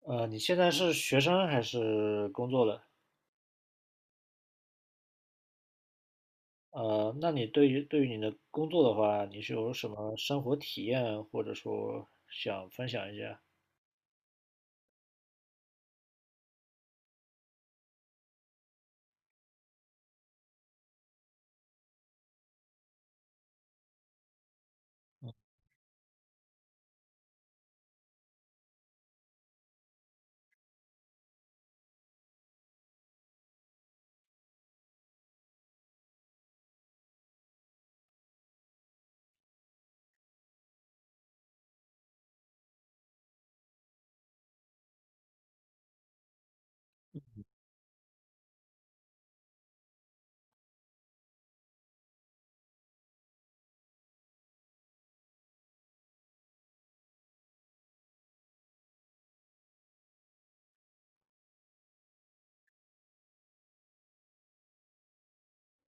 你现在是学生还是工作了？那你对于你的工作的话，你是有什么生活体验，或者说想分享一下？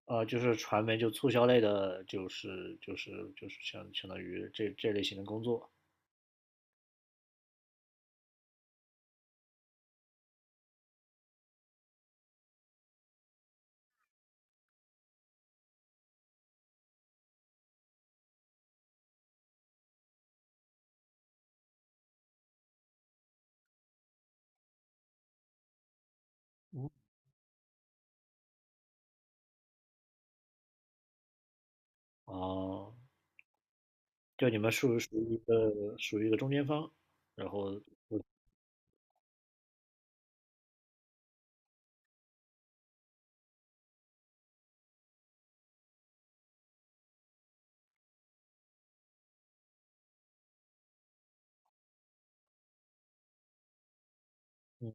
就是传媒就促销类的，就是相当于这类型的工作啊。哦，就你们属于一个中间方，然后嗯。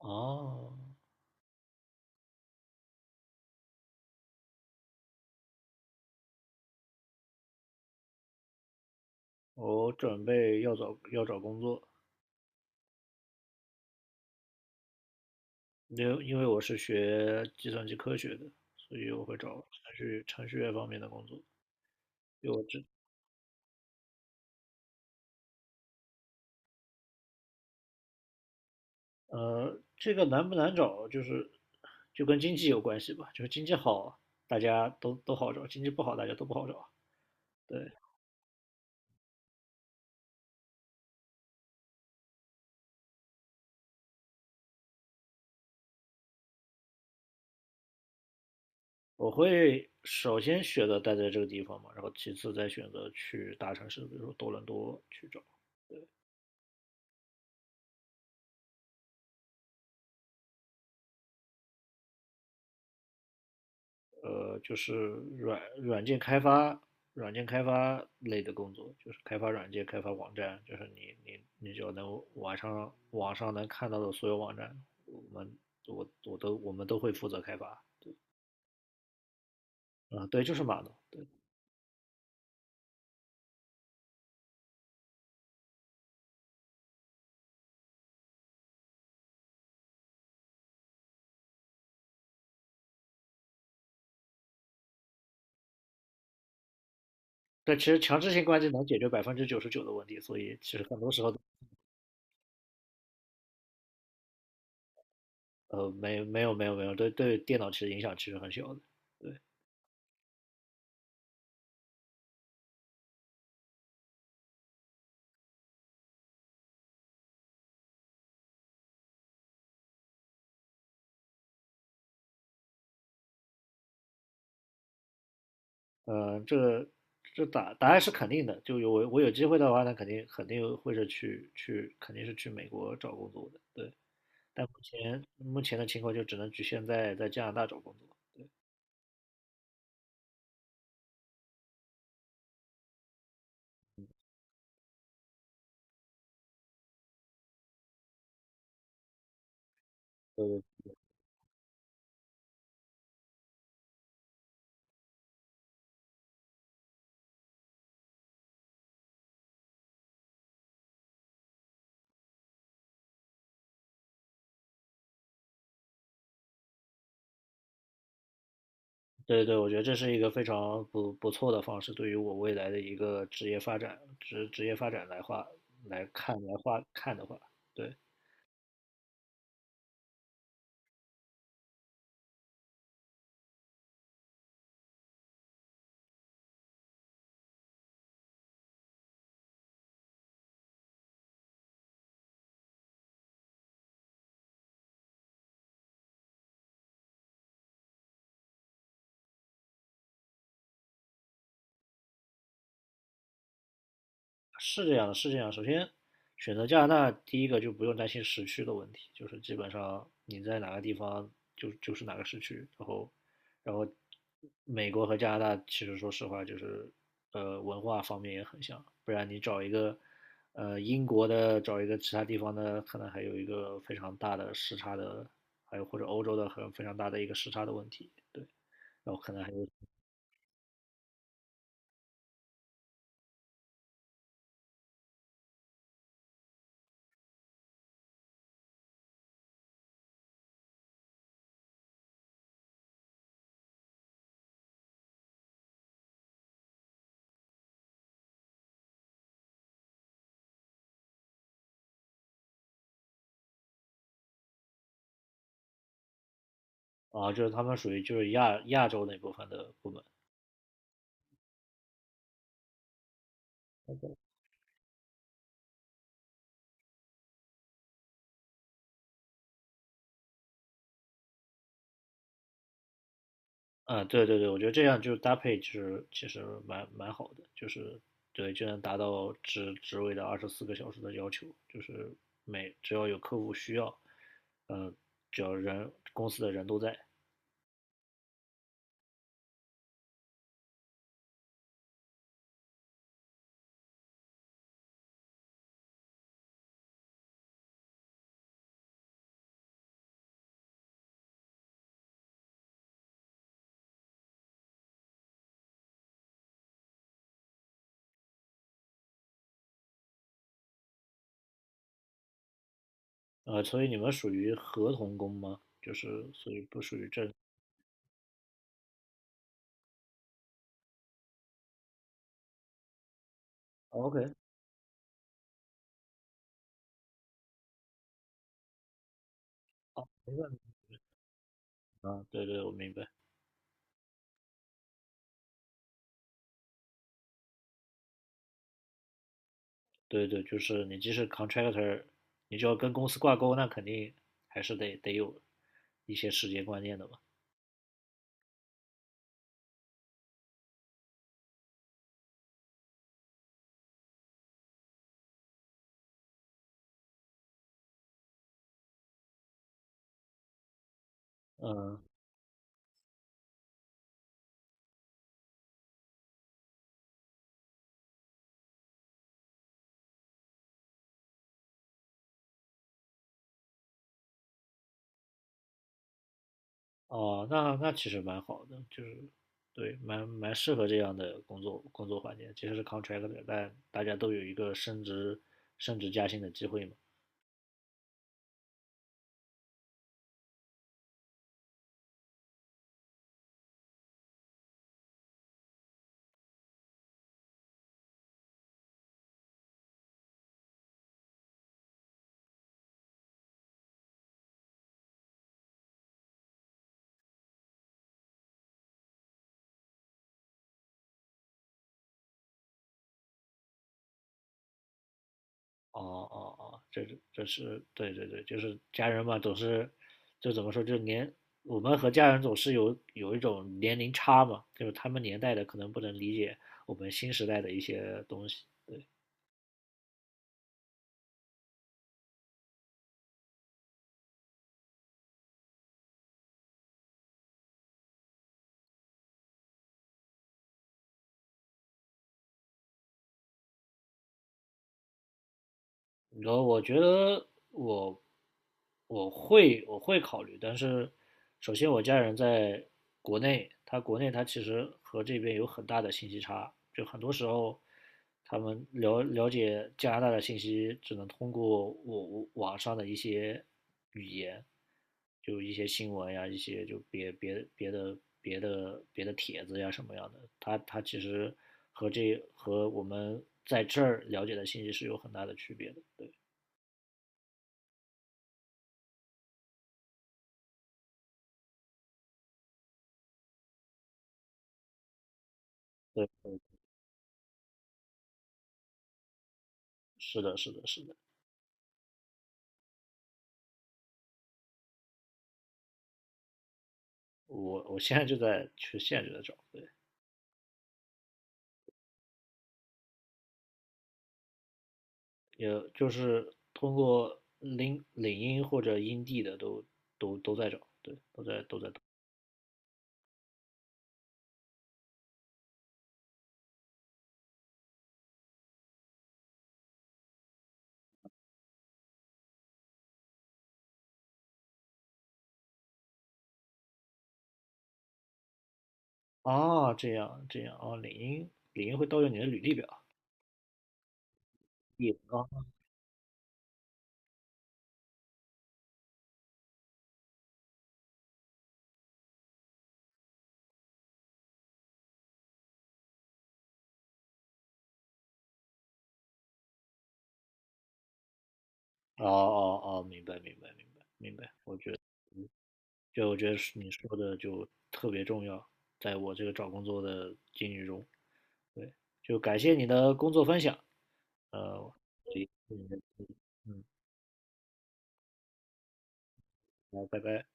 哦，我准备要找工作，因为我是学计算机科学的，所以我会找程序员方面的工作。因为我知。呃，这个难不难找，就是就跟经济有关系吧，就是经济好，大家都好找；经济不好，大家都不好找。对，我会首先选择待在这个地方嘛，然后其次再选择去大城市，比如说多伦多去找。呃，就是软软件开发、软件开发类的工作，就是开发软件、开发网站，就是你就能网上能看到的所有网站，我们我们都会负责开发。啊、对，就是码农。但其实强制性关机能解决99%的问题，所以其实很多时候，呃，没有，对电脑其实影响其实很小的。对。嗯，这个这答案是肯定的，就有我我有机会的话，那肯定是去美国找工作的，对。但目前的情况就只能局限在加拿大找工作。对对，我觉得这是一个非常不错的方式，对于我未来的一个职业发展职职业发展来话来看来话看的话，对。是这样的，是这样的。首先，选择加拿大，第一个就不用担心时区的问题，就是基本上你在哪个地方就是哪个时区。然后，然后美国和加拿大其实说实话就是文化方面也很像，不然你找一个英国的，找一个其他地方的，可能还有一个非常大的时差的，还有或者欧洲的很非常大的一个时差的问题。对，然后可能还有。啊，就是他们属于就是亚洲那部分的部门。嗯，对，我觉得这样就是搭配，就是其实蛮好的，就是对，就能达到职位的24个小时的要求，就是每只要有客户需要，呃，只要人公司的人都在。呃，所以你们属于合同工吗？就是所以不属于正。哦，OK。好，没问题。啊，对对，我明白。对对，就是你即使 contractor,你就要跟公司挂钩，那肯定还是得有一些时间观念的吧。嗯。哦，那那其实蛮好的，就是对，蛮适合这样的工作环境。即使是 c o n t r a c t o， 但大家都有一个升职加薪的机会嘛。哦哦，这是这是对，就是家人嘛，总是就怎么说，就年我们和家人总是有一种年龄差嘛，就是他们年代的可能不能理解我们新时代的一些东西。然后我觉得我我会考虑，但是首先我家人在国内，他其实和这边有很大的信息差，就很多时候他们了解加拿大的信息只能通过我网上的一些语言，就一些新闻呀，一些就别的帖子呀什么样的，它其实和这和我们在这儿了解的信息是有很大的区别的。对对，是的，是的，是的。我我现在就在去限制的找，对，也就是通过领英或者英地的都在找，对。啊，这样这样啊，领英会盗用你的履历表，也啊。哦，明白，就我觉得是你说的就特别重要，在我这个找工作的经历中，对，就感谢你的工作分享，呃，我也嗯。好，拜拜。